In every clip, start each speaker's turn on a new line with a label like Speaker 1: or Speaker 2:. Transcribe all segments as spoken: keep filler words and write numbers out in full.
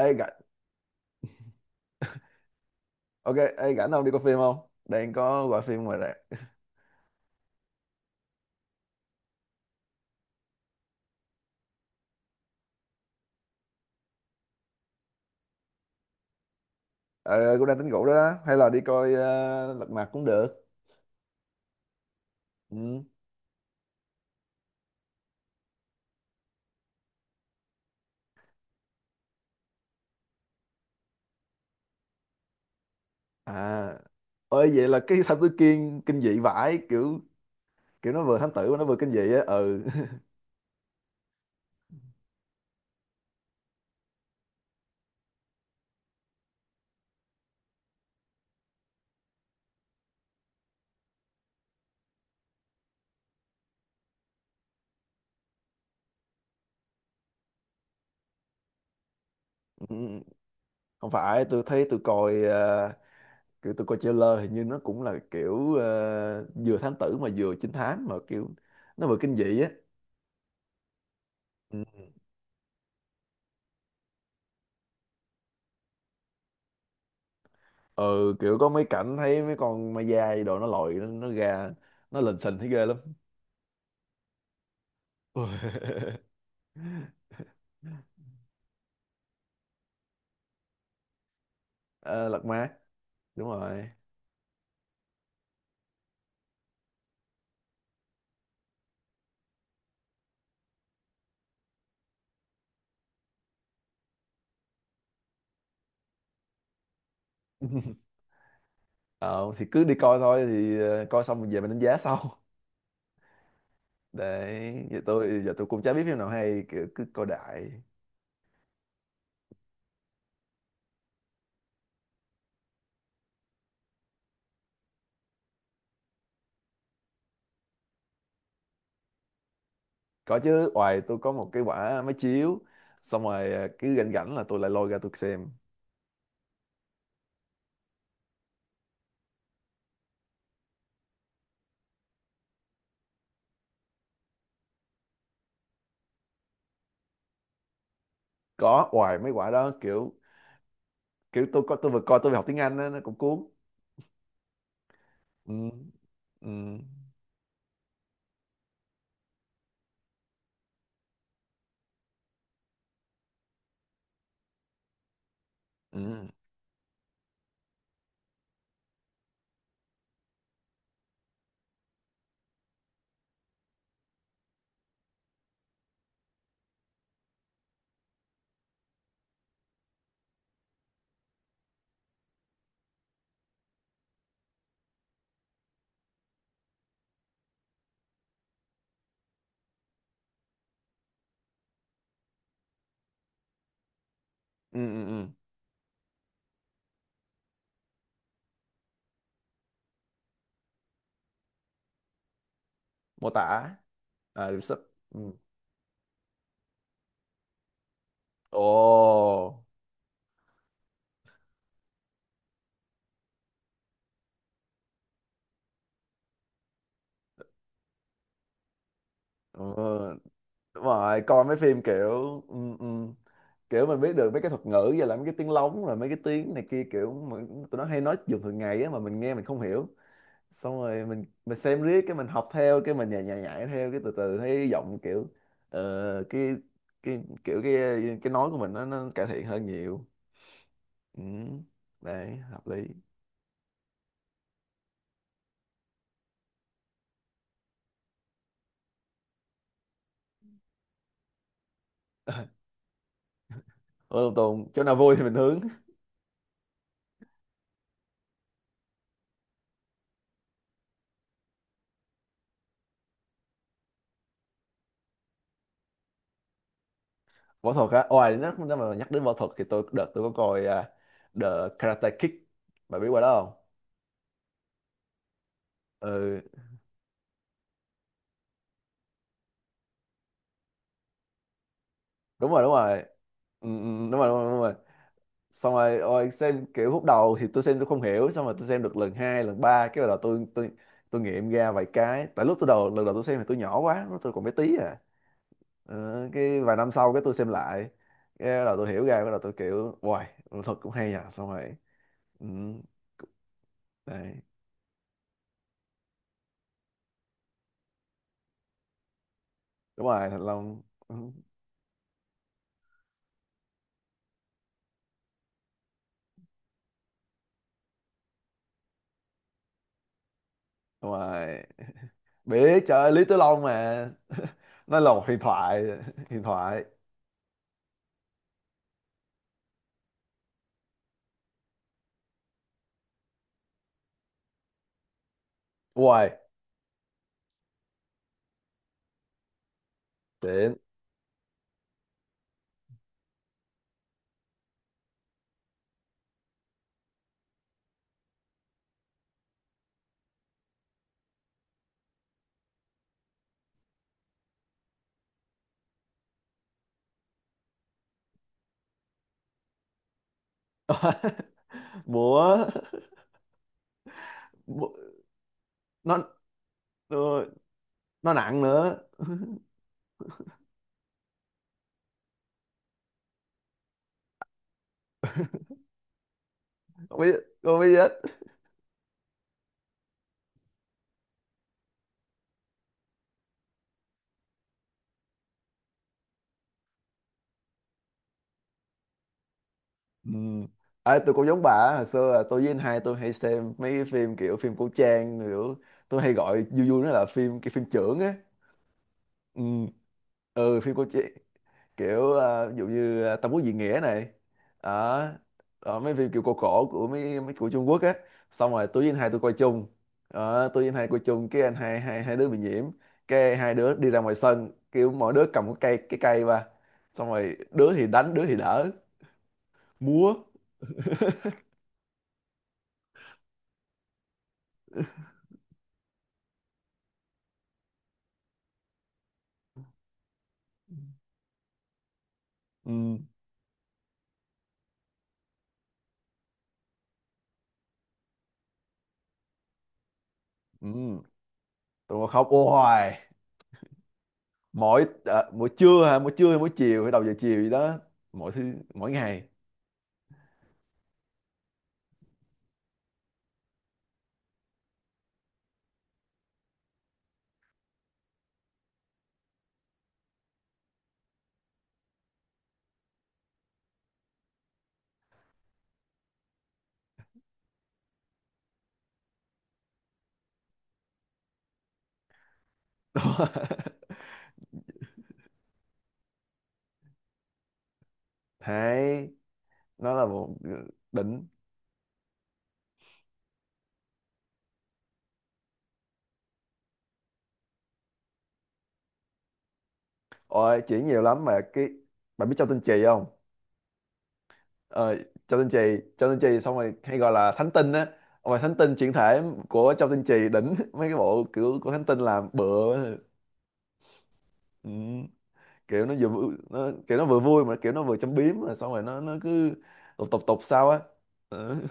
Speaker 1: Ê rảnh. OK, ê rảnh không? Đi coi phim không? Đang có gọi phim ngoài rạp. ờ, Cũng đang tính ngủ đó hay là đi coi ờ, Lật Mặt cũng được. Ừ. À, ôi vậy là cái Thám Tử Kiên kinh dị vãi, kiểu kiểu nó vừa thám tử mà nó vừa kinh dị á, ừ. Ừ, không phải, tôi thấy tôi coi ờ, kiểu tôi coi trailer hình như nó cũng là kiểu ờ, vừa thám tử mà vừa trinh thám, mà kiểu nó vừa kinh dị á, ừ. Ừ, kiểu có mấy cảnh thấy mấy con ma dai đồ, nó lội nó, nó ra, nó lình xình thấy ghê lắm. Ôi. Ờ, lật má đúng rồi. Ờ, thì cứ đi coi thôi, thì ờ, coi xong về mình đánh giá sau. Để giờ tôi giờ tôi cũng chả biết phim nào hay, cứ, cứ coi đại. Có chứ, ngoài tôi có một cái quả máy chiếu, xong rồi ờ, cứ rảnh rảnh là tôi lại lôi ra tôi xem. Có, ngoài mấy quả đó kiểu, kiểu tôi có tôi vừa coi tôi vừa học tiếng Anh đó, nó cũng cuốn. Ừ. Ừ. Ừ. Ừ. Ừ. Ừ. Mô tả. À, sub. Ừ. Ồ. Ừ. Đúng rồi, coi mấy phim kiểu, ừ, ừ, kiểu mình biết được mấy cái thuật ngữ và là mấy cái tiếng lóng, rồi mấy cái tiếng này kia, kiểu mà tụi nó hay nói dùng thường ngày á, mà mình nghe mình không hiểu, xong rồi mình mình xem riết cái mình học theo, cái mình nhại nhại nhảy theo, cái từ từ thấy giọng kiểu, ờ, cái cái kiểu cái cái nói của mình nó nó cải thiện hơn nhiều. Ừ. Đấy hợp lý. Ôi, Tùng Tùng, chỗ nào vui thì mình hướng. Võ thuật á, ngoài nó nó mà nhắc đến võ thuật thì tôi đợt tôi có coi à, The Karate Kid, bà biết qua đó không? Ừ. Đúng rồi, đúng rồi. Ừ, ừ, ừ, đúng rồi, đúng rồi, đúng rồi. Xong rồi ôi, xem kiểu khúc đầu thì tôi xem tôi không hiểu, xong rồi tôi xem được lần hai lần ba, cái bắt đầu tôi tôi tôi nghiệm ra vài cái, tại lúc tôi đầu lần đầu tôi xem thì tôi nhỏ quá, lúc tôi còn bé tí à. Ờ, cái vài năm sau cái tôi xem lại, cái bắt đầu tôi hiểu ra, bắt đầu tôi kiểu wow, thật cũng hay à. Xong rồi, ừ, đấy. Đúng rồi, Thành Long. Ừ, đúng rồi. Biết, trời ơi, Lý Tử Long mà. Nó là một huyền thoại. Huyền thoại. Wow. Tiện. Múa. Bộ- nó ờ, nó nặng nữa. Không biết, không biết hết. Ừ. À, tôi cũng giống bà á, hồi xưa là tôi với anh hai tôi hay xem mấy cái phim kiểu phim cổ trang, kiểu tôi hay gọi vui vui nó là phim cái phim chưởng á. Ừ. Ừ, phim cổ trang. Kiểu ờ, ví dụ như ờ, Tam Quốc Diễn Nghĩa này. Đó. Rồi mấy phim kiểu cổ cổ của mấy mấy của Trung Quốc á, xong rồi tôi với anh hai tôi coi chung. Đó, tôi với anh hai coi chung, cái anh hai hai hai đứa bị nhiễm, cái hai đứa đi ra ngoài sân, kiểu mỗi đứa cầm cái cây cái cây qua, xong rồi đứa thì đánh đứa thì đỡ. Múa. Ừ. Ừ. Tôi mà khóc ô hoài. Mỗi ờ, mỗi trưa hả, mỗi trưa hay mỗi chiều hay đầu giờ chiều gì đó, mỗi thứ mỗi ngày. Đó. Hay. Nó là một, ừ, đỉnh. Ôi, chuyện nhiều lắm mà cái, bạn biết Châu Tinh Trì không? Ờ, Châu Tinh Trì, Châu Tinh Trì xong rồi hay gọi là Thánh Tinh á. Mà Thánh Tinh chuyển thể của Châu Tinh Trì đỉnh. Mấy cái bộ kiểu của Thánh Tinh làm bựa, ừ, kiểu nó vừa vui- nó kiểu nó vừa vui mà kiểu nó vừa châm biếm, rồi xong rồi nó nó cứ tục tục tục sao á. Ừ.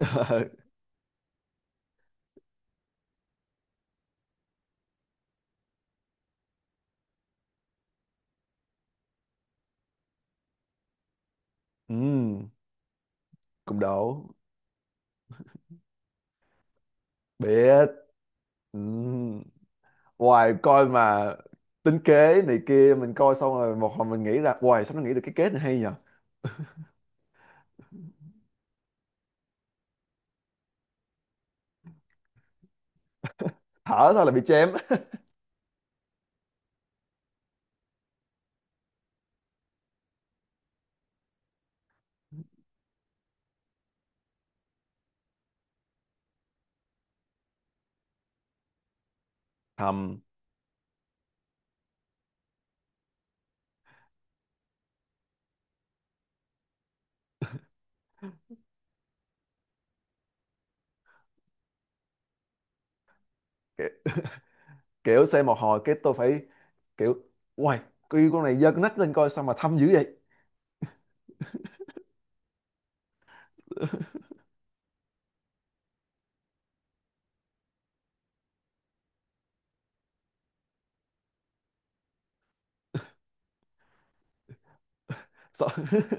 Speaker 1: Ừ, cũng đổ. Biết. Ừ. Hoài coi mà tính kế này kia, mình coi xong rồi một hồi mình nghĩ ra hoài, sao nó nghĩ được cái kết này hay nhờ. Thở thôi là bị chém. Hầm. Ki- kiểu xem một hồi cái tôi phải kiểu uầy, cái con này giơ cái nách lên coi sao mà thâm dữ vậy. Sợ-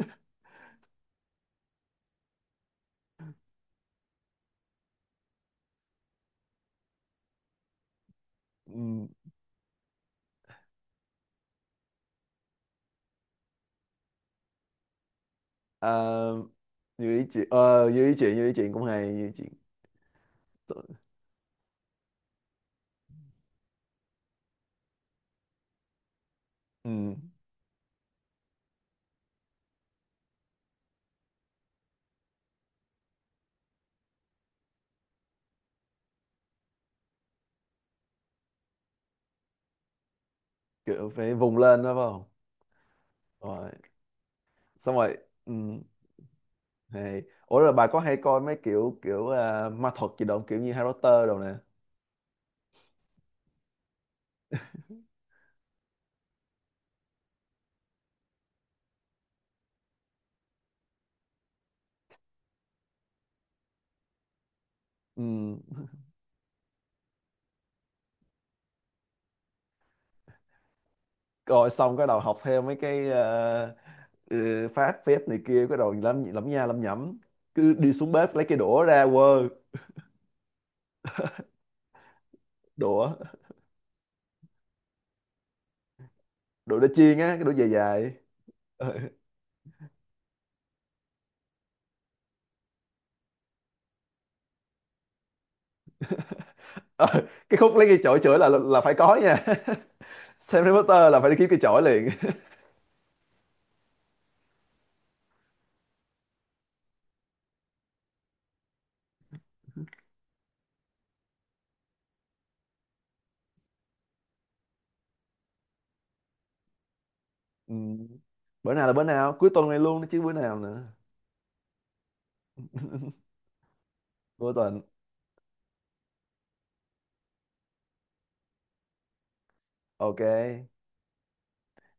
Speaker 1: Ừm. À, như ý chị ờ, như ý chị như ý chị cũng hay, như ý chị. Ừm, kiểu phải vùng lên đó phải không? Rồi. Xong rồi, ừm, hay. Ủa rồi bà có hay coi mấy kiểu kiểu à, ma thuật gì đâu, kiểu như Harry Potter đồ nè? Ừm. Rồi xong cái đầu học theo mấy cái ờ, ừ, phát phép này kia, cái đầu lắm lắm nha, lắm nhẩm, cứ đi xuống bếp lấy cái đũa ra quơ. Đũa. Đũa để chiên á, cái đũa dài dài. Ờ. ờ, cái khúc lấy cái chổi chửi là, là là phải có nha. Xem Harry Potter là phải đi kiếm cái chổi liền. Ừ. Bữa nào là, bữa nào cuối tuần này luôn đó chứ bữa nào nữa. Cuối tuần. OK.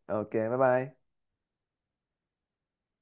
Speaker 1: OK, bye bye.